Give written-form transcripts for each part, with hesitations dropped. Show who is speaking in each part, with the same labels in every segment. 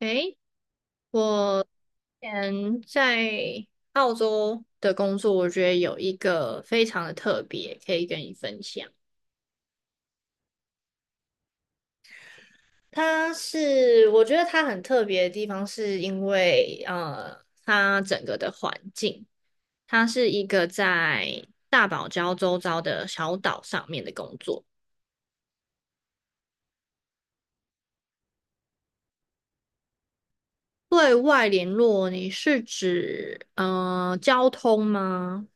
Speaker 1: 诶，我之前在澳洲的工作，我觉得有一个非常的特别，可以跟你分享。它是，我觉得它很特别的地方，是因为它整个的环境，它是一个在大堡礁周遭的小岛上面的工作。对外联络，你是指交通吗？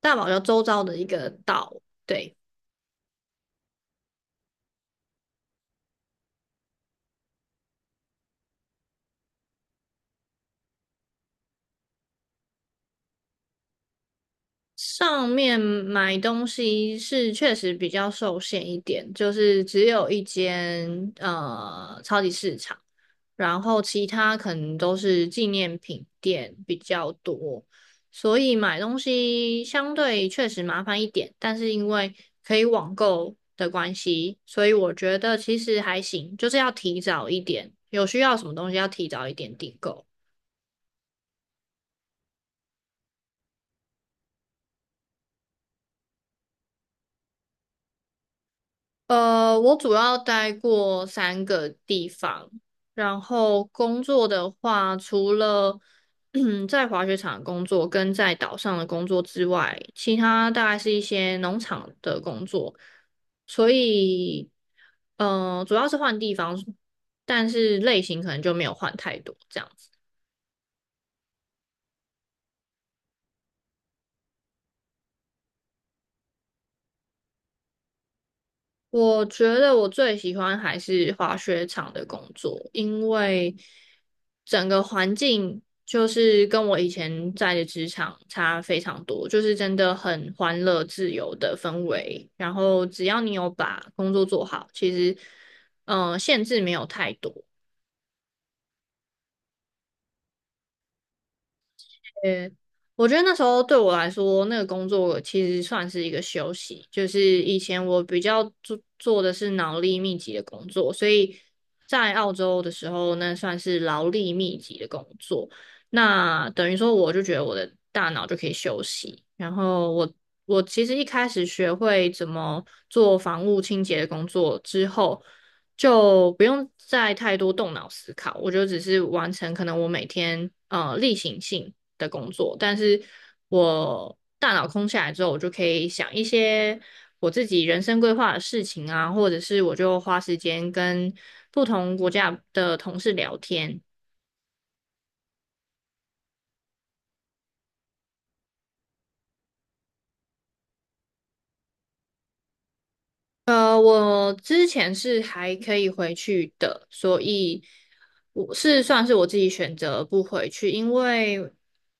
Speaker 1: 大堡礁周遭的一个岛。对，上面买东西是确实比较受限一点，就是只有一间超级市场，然后其他可能都是纪念品店比较多，所以买东西相对确实麻烦一点，但是因为可以网购的关系，所以我觉得其实还行，就是要提早一点，有需要什么东西要提早一点订购。我主要待过三个地方，然后工作的话，除了嗯 在滑雪场工作跟在岛上的工作之外，其他大概是一些农场的工作，所以，主要是换地方，但是类型可能就没有换太多这样子。我觉得我最喜欢还是滑雪场的工作，因为整个环境就是跟我以前在的职场差非常多，就是真的很欢乐、自由的氛围。然后只要你有把工作做好，其实限制没有太多。呃，我觉得那时候对我来说，那个工作其实算是一个休息。就是以前我比较做的是脑力密集的工作，所以在澳洲的时候，那算是劳力密集的工作。那等于说，我就觉得我的大脑就可以休息。然后我其实一开始学会怎么做房屋清洁的工作之后，就不用再太多动脑思考，我就只是完成可能我每天例行性的工作，但是我大脑空下来之后，我就可以想一些我自己人生规划的事情啊，或者是我就花时间跟不同国家的同事聊天。我之前是还可以回去的，所以我是算是我自己选择不回去，因为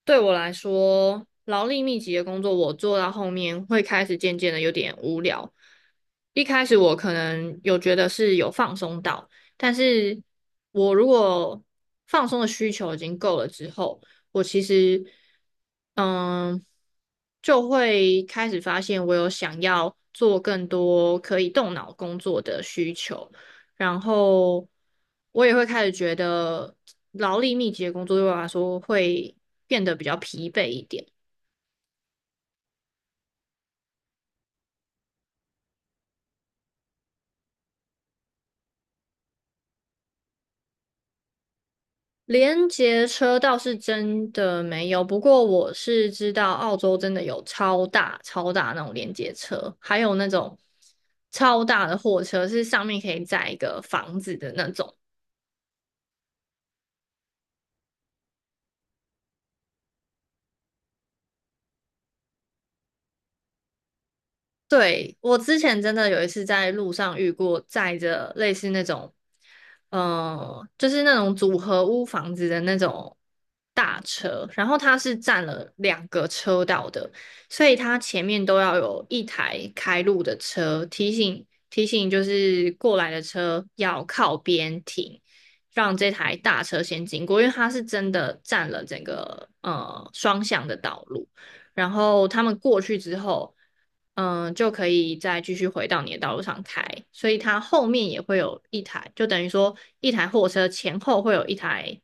Speaker 1: 对我来说，劳力密集的工作我做到后面会开始渐渐的有点无聊。一开始我可能有觉得是有放松到，但是我如果放松的需求已经够了之后，我其实嗯就会开始发现我有想要做更多可以动脑工作的需求，然后我也会开始觉得劳力密集的工作对我来说会变得比较疲惫一点。连接车倒是真的没有，不过我是知道澳洲真的有超大超大那种连接车，还有那种超大的货车，是上面可以载一个房子的那种。对，我之前真的有一次在路上遇过载着类似那种，就是那种组合屋房子的那种大车，然后它是占了两个车道的，所以它前面都要有一台开路的车提醒提醒，就是过来的车要靠边停，让这台大车先经过，因为它是真的占了整个双向的道路。然后他们过去之后，嗯，就可以再继续回到你的道路上开，所以它后面也会有一台，就等于说一台货车前后会有一台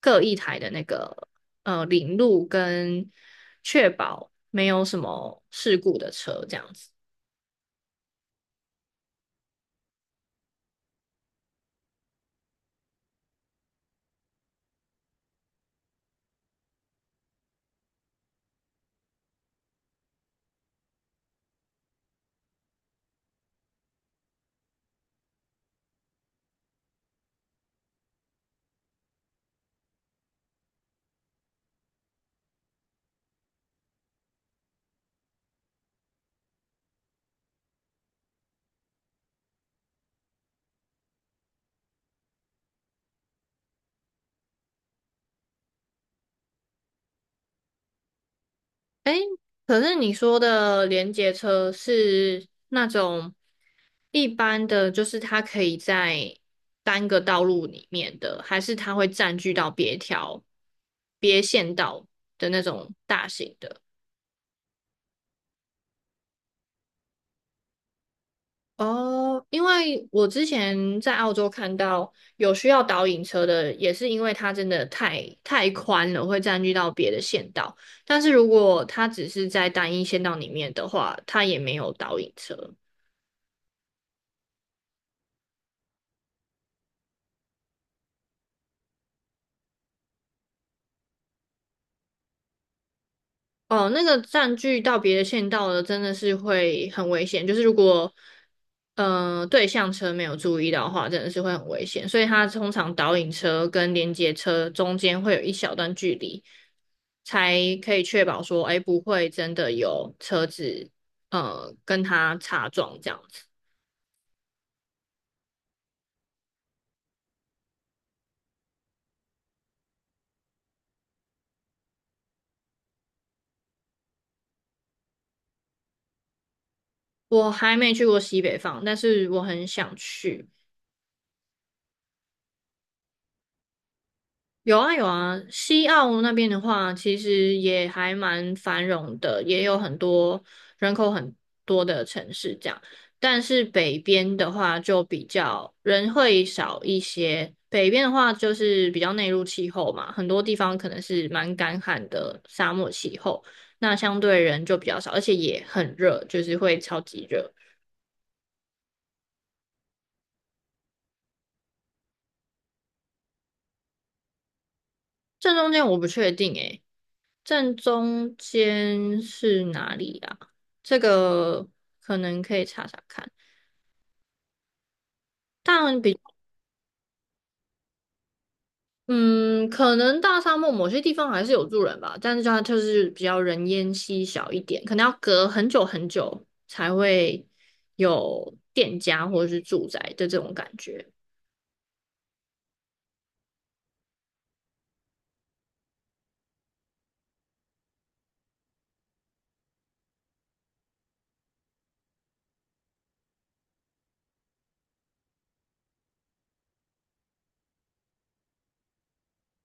Speaker 1: 各一台的那个领路跟确保没有什么事故的车这样子。哎，可是你说的联结车是那种一般的，就是它可以在单个道路里面的，还是它会占据到别条、别线道的那种大型的？哦，因为我之前在澳洲看到有需要导引车的，也是因为它真的太宽了，会占据到别的线道。但是如果它只是在单一线道里面的话，它也没有导引车。哦，那个占据到别的线道的真的是会很危险，就是如果对向车没有注意到的话，真的是会很危险。所以它通常导引车跟连接车中间会有一小段距离，才可以确保说，哎，不会真的有车子跟它擦撞这样子。我还没去过西北方，但是我很想去。有啊有啊，西澳那边的话，其实也还蛮繁荣的，也有很多人口很多的城市这样。但是北边的话就比较人会少一些，北边的话就是比较内陆气候嘛，很多地方可能是蛮干旱的沙漠气候，那相对人就比较少，而且也很热，就是会超级热。正中间我不确定诶。正中间是哪里啊？这个可能可以查查看。但比嗯，可能大沙漠某些地方还是有住人吧，但是它就是比较人烟稀少一点，可能要隔很久很久才会有店家或者是住宅的这种感觉。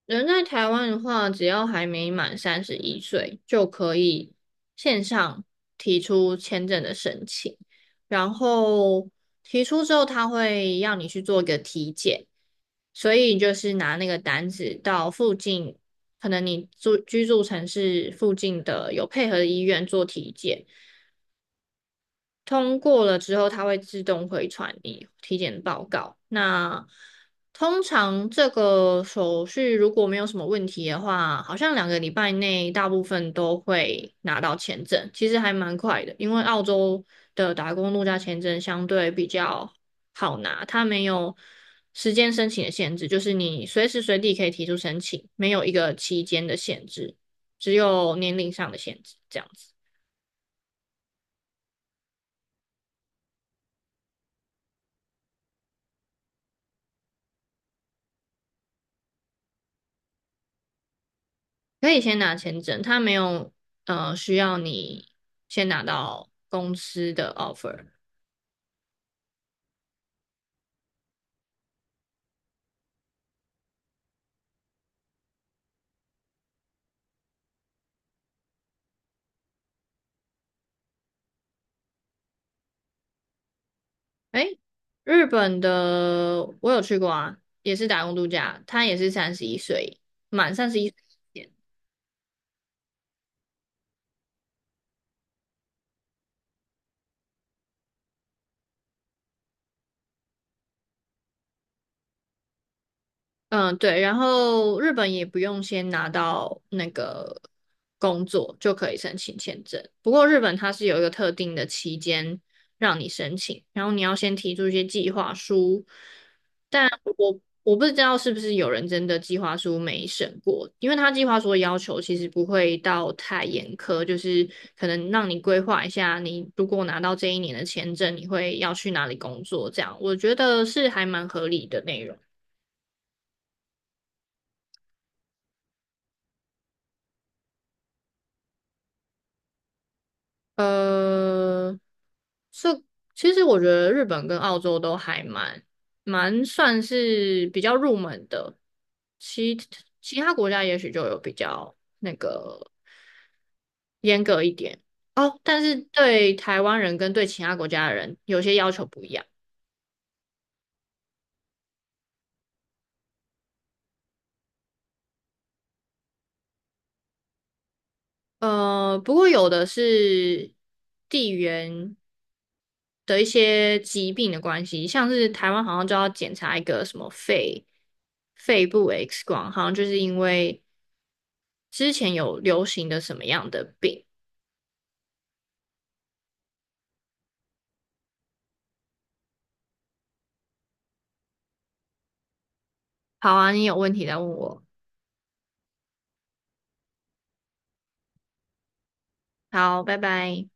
Speaker 1: 人在台湾的话，只要还没满三十一岁，就可以线上提出签证的申请。然后提出之后，他会要你去做一个体检，所以就是拿那个单子到附近，可能你住居住城市附近的有配合的医院做体检。通过了之后，它会自动回传你体检报告。那通常这个手续如果没有什么问题的话，好像两个礼拜内大部分都会拿到签证，其实还蛮快的。因为澳洲的打工度假签证相对比较好拿，它没有时间申请的限制，就是你随时随地可以提出申请，没有一个期间的限制，只有年龄上的限制，这样子。可以先拿签证，他没有需要你先拿到公司的 offer。诶，日本的我有去过啊，也是打工度假，他也是三十一岁，满三十一岁。嗯，对，然后日本也不用先拿到那个工作就可以申请签证。不过日本它是有一个特定的期间让你申请，然后你要先提出一些计划书。但我不知道是不是有人真的计划书没审过，因为他计划书的要求其实不会到太严苛，就是可能让你规划一下，你如果拿到这一年的签证，你会要去哪里工作，这样我觉得是还蛮合理的内容。呃，这其实我觉得日本跟澳洲都还蛮算是比较入门的，其其他国家也许就有比较那个严格一点哦，但是对台湾人跟对其他国家的人有些要求不一样。不过有的是地缘的一些疾病的关系，像是台湾好像就要检查一个什么肺部 X 光，好像就是因为之前有流行的什么样的病。好啊，你有问题来问我。好，拜拜。